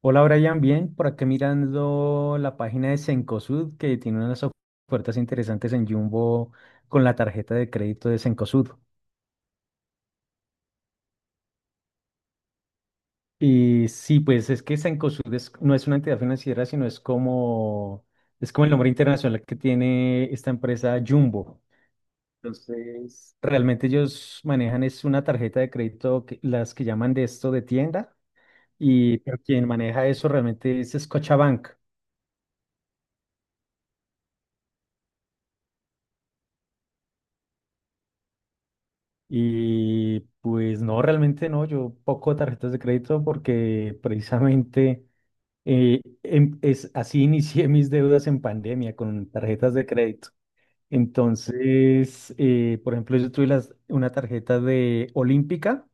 Hola Brian, bien, por acá mirando la página de Cencosud que tiene unas ofertas interesantes en Jumbo con la tarjeta de crédito de Cencosud. Y sí, pues es que Cencosud no es una entidad financiera, sino es como el nombre internacional que tiene esta empresa Jumbo. Entonces, realmente ellos manejan es una tarjeta de crédito, las que llaman de esto de tienda, y pero quien maneja eso realmente es Scotiabank. Y pues no, realmente no, yo poco tarjetas de crédito porque precisamente así inicié mis deudas en pandemia con tarjetas de crédito. Entonces, por ejemplo, yo tuve una tarjeta de Olímpica,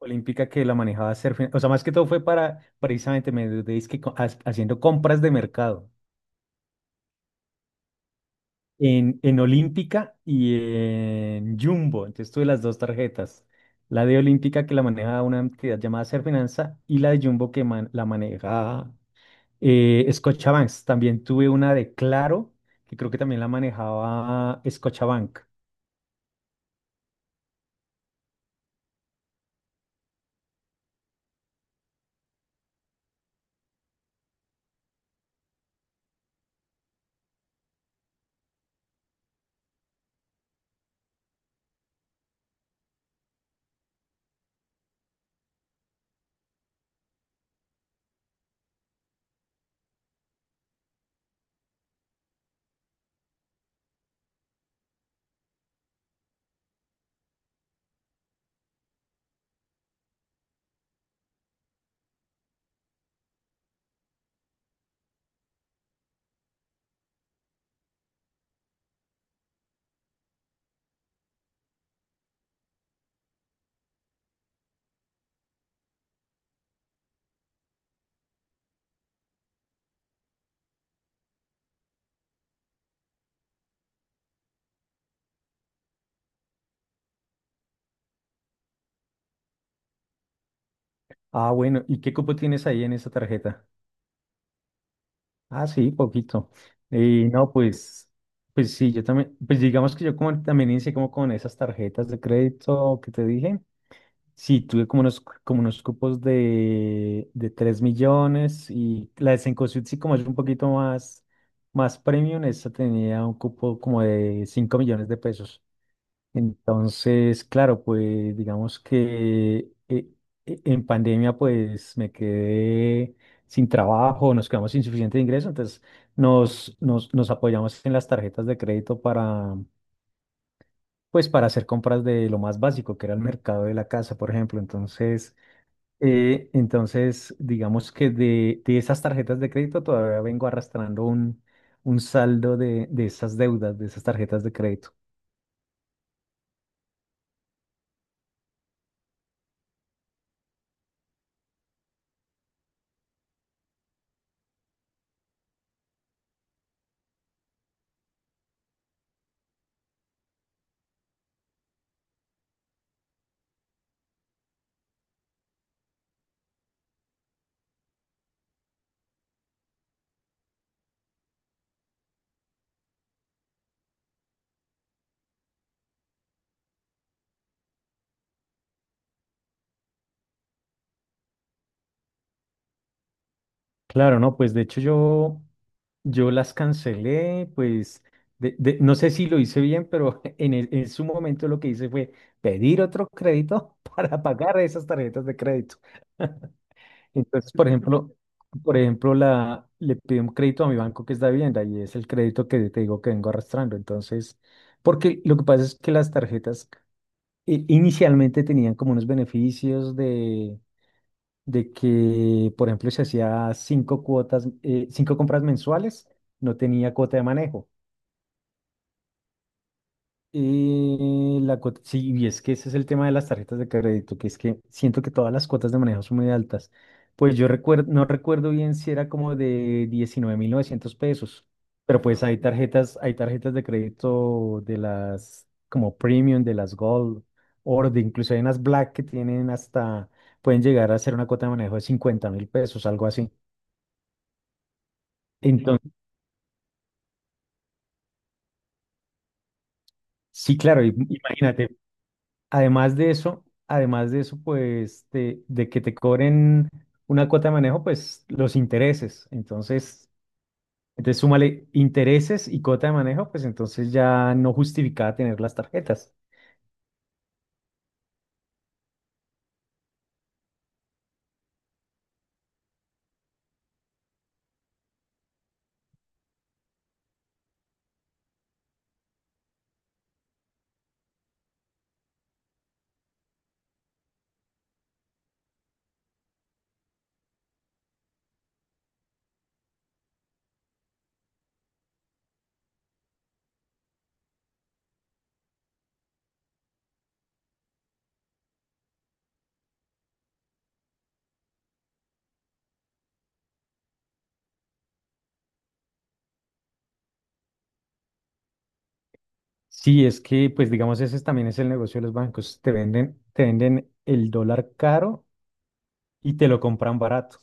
Olímpica que la manejaba hacer, o sea, más que todo fue para, precisamente me endeudé es que haciendo compras de mercado. En Olímpica y en Jumbo. Entonces tuve las dos tarjetas. La de Olímpica que la maneja una entidad llamada Serfinanza y la de Jumbo que la maneja Scotiabank. También tuve una de Claro, que creo que también la manejaba Scotiabank. Ah, bueno, ¿y qué cupo tienes ahí en esa tarjeta? Ah, sí, poquito. Y no, pues, sí, yo también, pues digamos que yo como también inicié como con esas tarjetas de crédito que te dije. Sí, tuve como unos cupos de 3 millones y la de Cencosud sí como es un poquito más, más premium, esta tenía un cupo como de 5 millones de pesos. Entonces, claro, pues digamos que en pandemia pues me quedé sin trabajo, nos quedamos sin suficiente ingreso, entonces nos apoyamos en las tarjetas de crédito para, pues para hacer compras de lo más básico, que era el mercado de la casa, por ejemplo. Entonces... Entonces, digamos que de esas tarjetas de crédito todavía vengo arrastrando un saldo de esas deudas, de esas tarjetas de crédito. Claro, no, pues de hecho yo las cancelé, pues no sé si lo hice bien, pero en su momento lo que hice fue pedir otro crédito para pagar esas tarjetas de crédito. Entonces, por ejemplo, le pido un crédito a mi banco que es de vivienda y es el crédito que te digo que vengo arrastrando. Entonces, porque lo que pasa es que las tarjetas inicialmente tenían como unos beneficios de que, por ejemplo, si hacía 5 cuotas, 5 compras mensuales, no tenía cuota de manejo. La cuota, sí, y es que ese es el tema de las tarjetas de crédito, que es que siento que todas las cuotas de manejo son muy altas. Pues yo recuerdo, no recuerdo bien si era como de 19.900 pesos, pero pues hay tarjetas de crédito de las como Premium, de las Gold, Oro, de incluso hay unas Black que tienen hasta, pueden llegar a ser una cuota de manejo de 50.000 pesos, algo así. Entonces, sí, claro, imagínate. Además de eso, pues de que te cobren una cuota de manejo, pues los intereses. Entonces, súmale intereses y cuota de manejo, pues entonces ya no justificaba tener las tarjetas. Sí, es que, pues digamos, ese también es el negocio de los bancos. Te venden el dólar caro y te lo compran barato.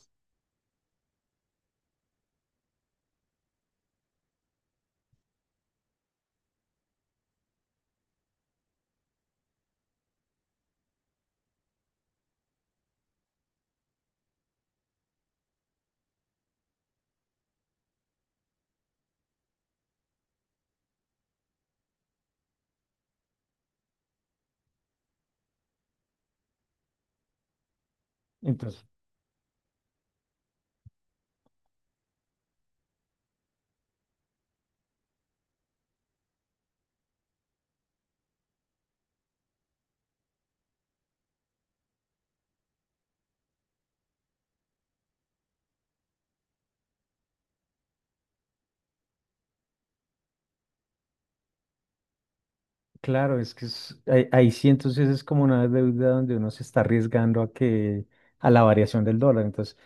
Claro, es que ahí, sí entonces es como una deuda donde uno se está arriesgando a que a la variación del dólar. Entonces,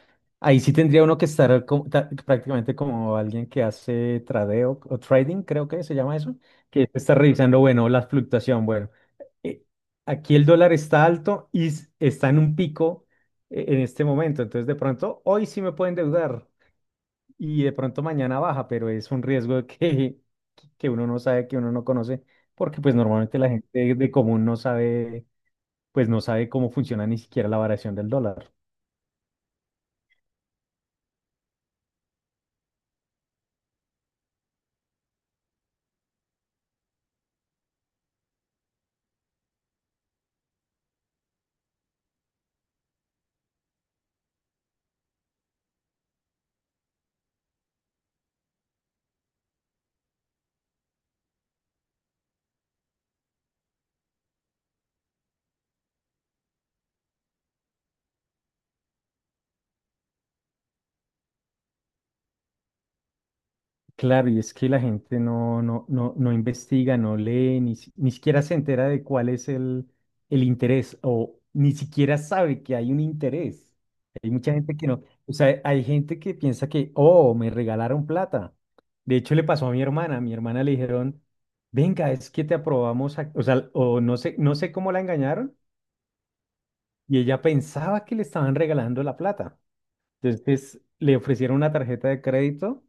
ahí sí tendría uno que estar prácticamente como alguien que hace tradeo o trading, creo que se llama eso, que está revisando, bueno, la fluctuación, bueno, eh, aquí el dólar está alto y está en un pico en este momento, entonces de pronto hoy sí me pueden endeudar y de pronto mañana baja, pero es un riesgo que, uno no sabe, que uno no conoce, porque pues normalmente la gente de común no sabe, pues no sabe cómo funciona ni siquiera la variación del dólar. Claro, y es que la gente no, no, no, no investiga, no lee, ni, ni siquiera se entera de cuál es el, interés o ni siquiera sabe que hay un interés. Hay mucha gente que no, o sea, hay gente que piensa que, oh, me regalaron plata. De hecho, le pasó a mi hermana le dijeron, venga, es que te aprobamos, o sea, o no sé, cómo la engañaron y ella pensaba que le estaban regalando la plata. Entonces, le ofrecieron una tarjeta de crédito,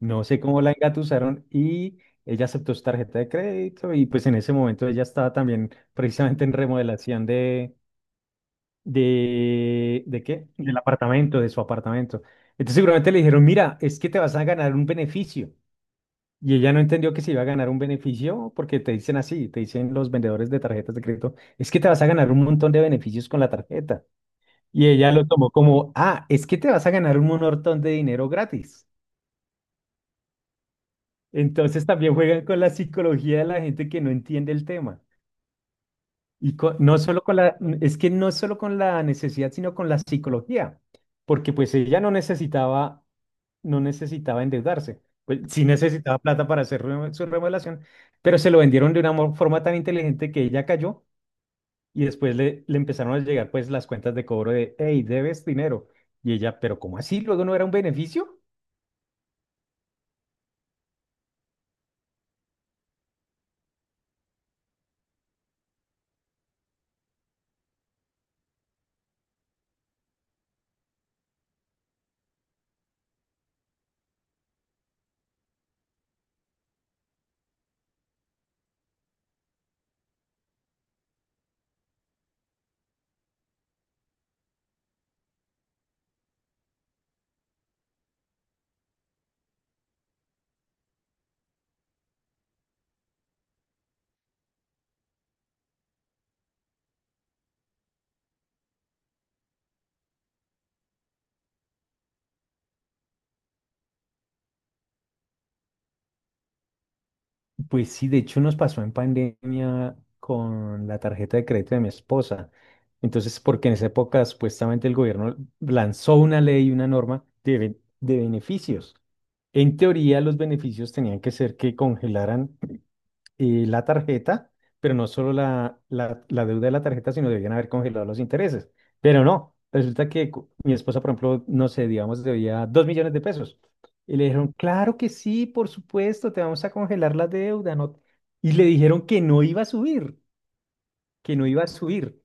no sé cómo la engatusaron y ella aceptó su tarjeta de crédito, y pues en ese momento ella estaba también precisamente en remodelación de, ¿de qué? Del apartamento, de su apartamento. Entonces seguramente le dijeron, mira, es que te vas a ganar un beneficio. Y ella no entendió que se iba a ganar un beneficio porque te dicen así, te dicen los vendedores de tarjetas de crédito, es que te vas a ganar un montón de beneficios con la tarjeta. Y ella lo tomó como, ah, es que te vas a ganar un montón de dinero gratis. Entonces también juegan con la psicología de la gente que no entiende el tema. Y no solo con es que no solo con la necesidad, sino con la psicología, porque pues ella no necesitaba, endeudarse, pues sí necesitaba plata para hacer su remodelación, pero se lo vendieron de una forma tan inteligente que ella cayó y después le, empezaron a llegar pues las cuentas de cobro de, hey, debes dinero. Y ella, pero ¿cómo así? Luego no era un beneficio. Pues sí, de hecho nos pasó en pandemia con la tarjeta de crédito de mi esposa. Entonces, porque en esa época supuestamente el gobierno lanzó una ley, una norma de, de beneficios. En teoría, los beneficios tenían que ser que congelaran y la tarjeta, pero no solo la deuda de la tarjeta, sino debían haber congelado los intereses. Pero no, resulta que mi esposa, por ejemplo, no sé, digamos, debía 2 millones de pesos. Y le dijeron, claro que sí, por supuesto, te vamos a congelar la deuda. No. Y le dijeron que no iba a subir, que no iba a subir.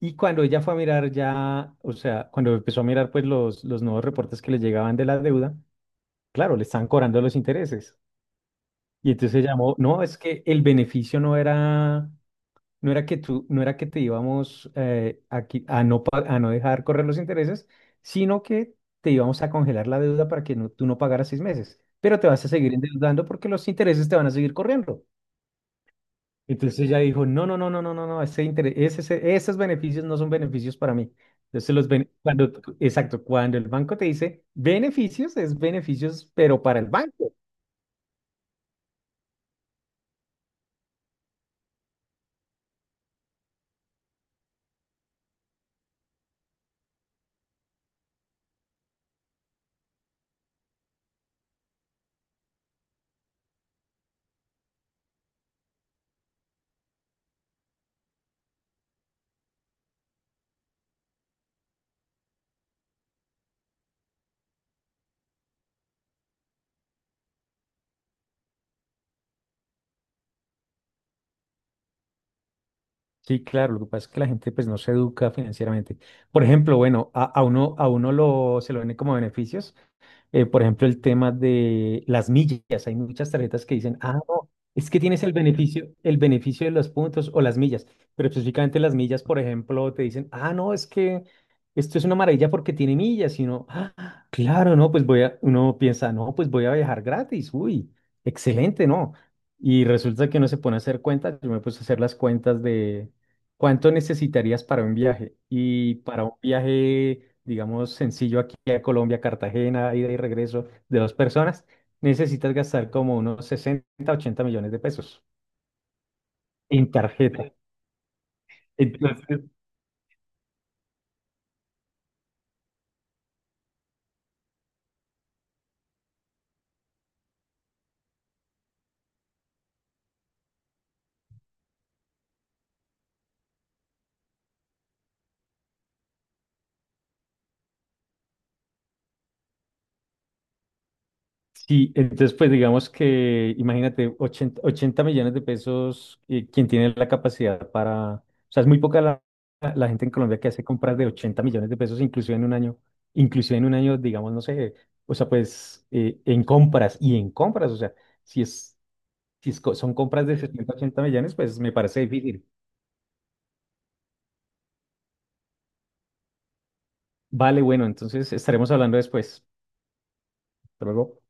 Y cuando ella fue a mirar ya, o sea, cuando empezó a mirar pues los nuevos reportes que le llegaban de la deuda, claro, le están cobrando los intereses. Y entonces llamó, no, es que el beneficio no era que tú, no era que te íbamos a, qui- a no, pa- a no dejar correr los intereses, sino que te íbamos a congelar la deuda para que tú no pagaras 6 meses, pero te vas a seguir endeudando porque los intereses te van a seguir corriendo. Entonces ella dijo, no, no, no, no, no, no, no, ese interés ese- ese- esos beneficios no son beneficios para mí. Entonces cuando, exacto, cuando el banco te dice beneficios, es beneficios, pero para el banco. Sí, claro, lo que pasa es que la gente pues no se educa financieramente. Por ejemplo, bueno, se lo ven como beneficios. Por ejemplo, el tema de las millas. Hay muchas tarjetas que dicen, ah, no, es que tienes el beneficio, de los puntos o las millas. Pero específicamente las millas, por ejemplo, te dicen, ah, no, es que esto es una maravilla porque tiene millas. Y uno, ah, claro, no, uno piensa, no, pues voy a viajar gratis. Uy, excelente, ¿no? Y resulta que uno se pone a hacer cuentas. Yo me puse a hacer las cuentas de ¿cuánto necesitarías para un viaje? Y para un viaje, digamos, sencillo aquí a Colombia, Cartagena, ida y regreso de dos personas, necesitas gastar como unos 60, 80 millones de pesos en tarjeta. Entonces, sí, entonces pues digamos que imagínate 80 80 millones de pesos, quien tiene la capacidad para, o sea, es muy poca la gente en Colombia que hace compras de 80 millones de pesos inclusive en un año, digamos, no sé, o sea, pues en compras y en compras, o sea, si es, si es son compras de 70, 80 millones, pues me parece difícil. Vale, bueno, entonces estaremos hablando después. Hasta luego.